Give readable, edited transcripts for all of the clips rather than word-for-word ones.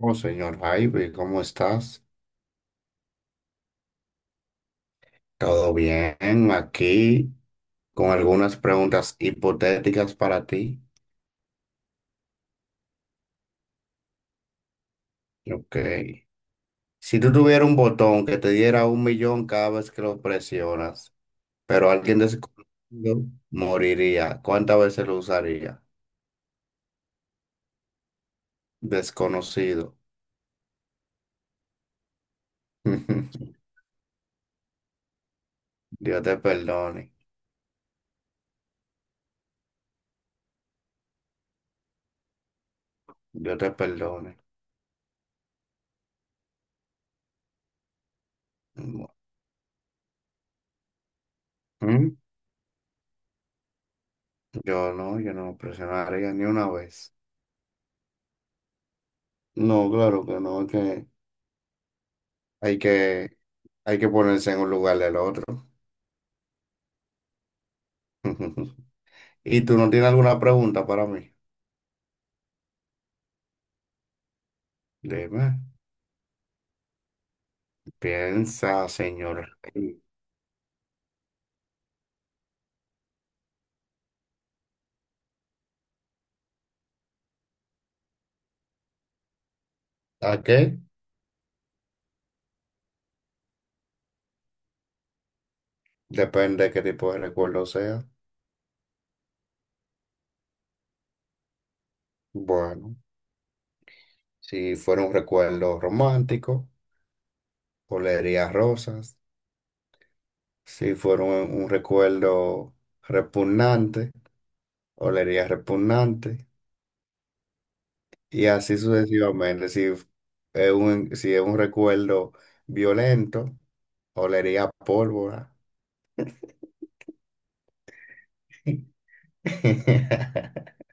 Oh, señor Jaime, ¿cómo estás? ¿Todo bien? Aquí con algunas preguntas hipotéticas para ti. Ok. Si tú tuvieras un botón que te diera un millón cada vez que lo presionas, pero alguien desconocido moriría, ¿cuántas veces lo usaría? Desconocido. Dios te perdone. Dios te perdone. ¿Mm? Yo no presionaría ni una vez. No, claro que no, es que hay que Hay que ponerse en un lugar del otro. ¿Y tú no tienes alguna pregunta para mí? Dime. Piensa, señor. ¿A qué? Depende de qué tipo de recuerdo sea. Bueno, si fuera un recuerdo romántico, olería rosas. Si fuera un recuerdo repugnante, olería repugnante. Y así sucesivamente. Si es un recuerdo violento, olería a pólvora.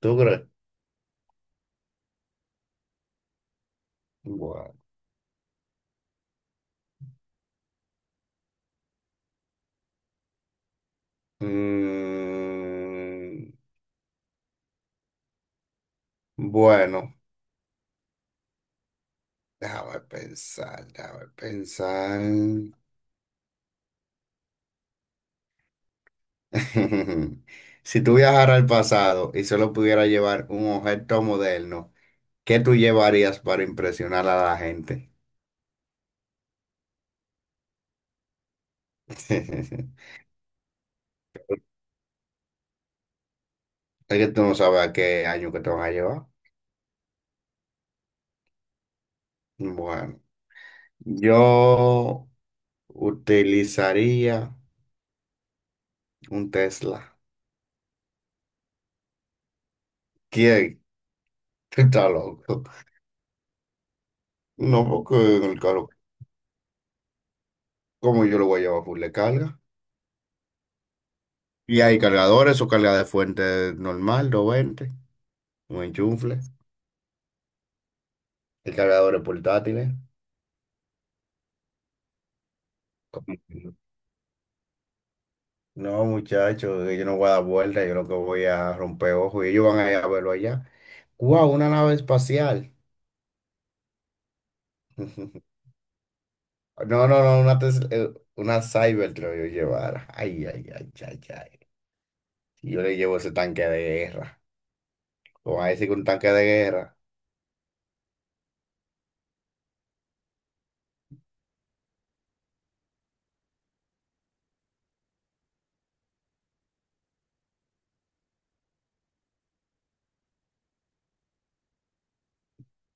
¿Tú crees? Bueno. Mm, bueno, déjame pensar, déjame pensar. Si tú viajaras al pasado y solo pudieras llevar un objeto moderno, ¿qué tú llevarías para impresionar a la gente? Es que tú no sabes a qué año que te van a llevar. Bueno, yo utilizaría un Tesla. ¿Quién? Tú estás loco. No, porque en el carro, como yo lo voy a llevar full de carga. Y hay cargadores o carga de fuente normal, 220, un enchufle. Hay cargadores portátiles. Como que No, muchachos, yo no voy a dar vuelta, yo lo que voy a romper ojos y ellos van a ir a verlo allá. ¡Wow! Una nave espacial. No, no, no, una Cybertruck yo llevara. Ay, ay, ay, ay, ay. Y yo le llevo ese tanque de guerra. Como a decir que un tanque de guerra.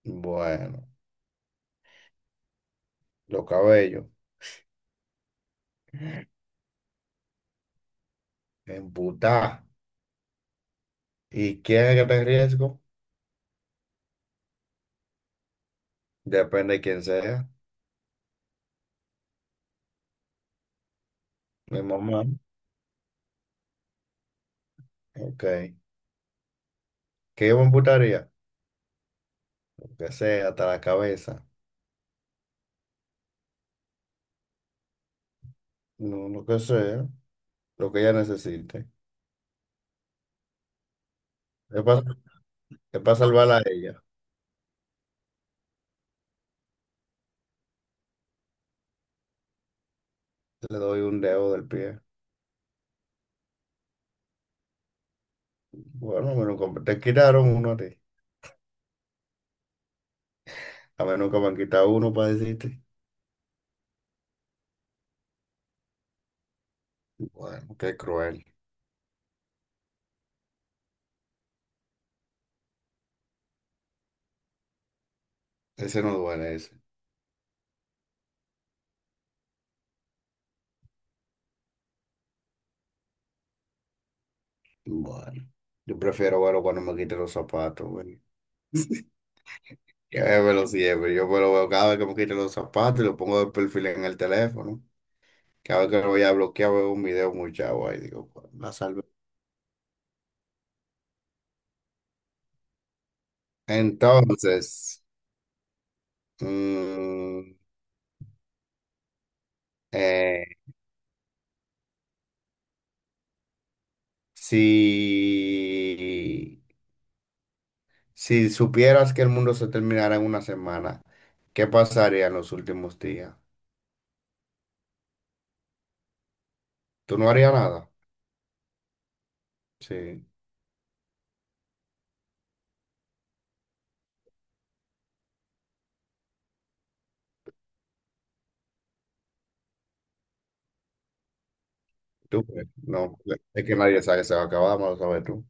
Bueno, los cabellos. Embutada. ¿Y quién es el que está en riesgo? Depende de quién sea. Mi mamá. Ok. ¿Qué yo me emputaría? Lo que sea, hasta la cabeza. No, no, lo que sea. Lo que ella necesite. Es para, salvarla a ella. Le doy un dedo del pie. Bueno, a mí nunca- te quitaron uno a ti. A mí nunca me han quitado uno para decirte. Bueno, qué cruel. Ese no duele ese. Bueno. Yo prefiero verlo cuando me quite los zapatos, güey. Yo me lo veo cada vez que me quito los zapatos y lo pongo de perfil en el teléfono. Cada vez que lo voy a bloquear veo un video muy chavo ahí, digo, "Pues, la salve. Entonces, mm, eh, si, si supieras que el mundo se terminara en una semana, ¿qué pasaría en los últimos días? ¿Tú no harías nada? Sí, tú, pues, no, pues, es que nadie sabe que se va a acabar, más lo sabes tú.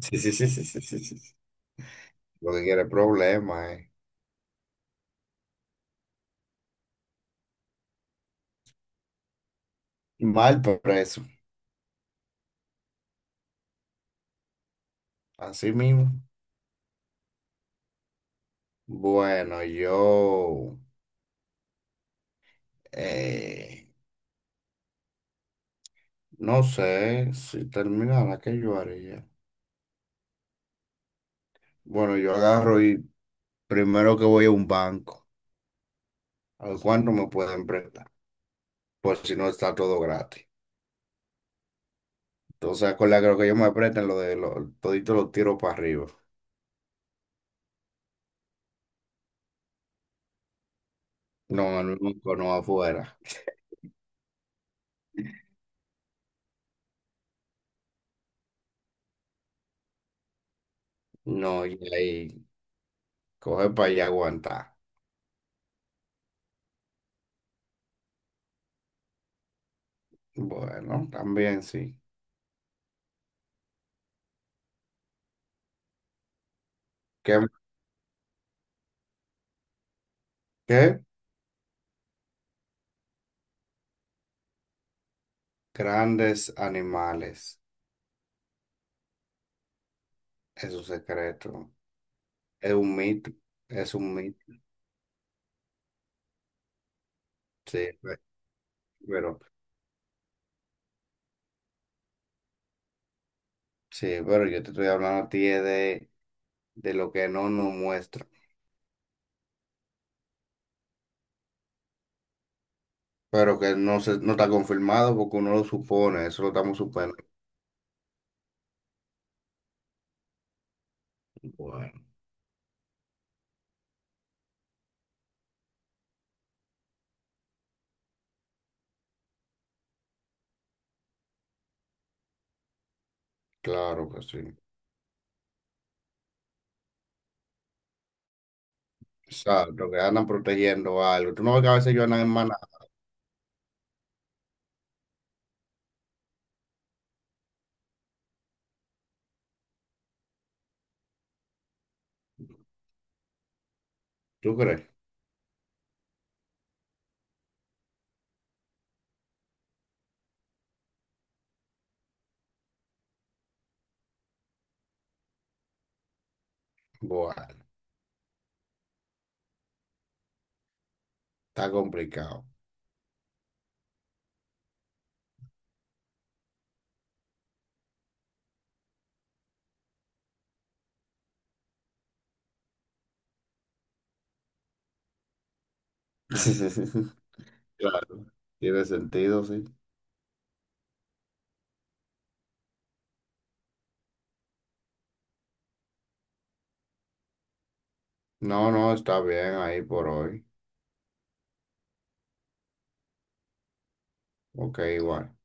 Sí, sí, sí, sí, sí, sí, sí. Lo que quiere es problema, eh. Mal preso, así mismo. Bueno, yo eh, no sé si terminara, ¿qué yo haría? Bueno, yo agarro y primero que voy a un banco, a ver cuánto me pueden prestar, por si no está todo gratis. Entonces, con la que lo que ellos me prestan todito lo tiro para arriba. No, en el banco, no afuera. No, y ahí coge para allá aguantar. Bueno, también sí. ¿Qué, qué? Grandes animales. Es un secreto, es un mito, es un mito, sí, pe- pero, sí, pero yo te estoy hablando a ti es de lo que no nos muestra, pero que no está confirmado porque uno lo supone, eso lo estamos suponiendo. Bueno, claro que sí. Exacto, que andan protegiendo algo. Tú no ves que a veces ellos andan en maná, ¿tú crees? Bueno, está complicado. Claro, tiene sentido, sí. No, no, está bien ahí por hoy. Ok, igual.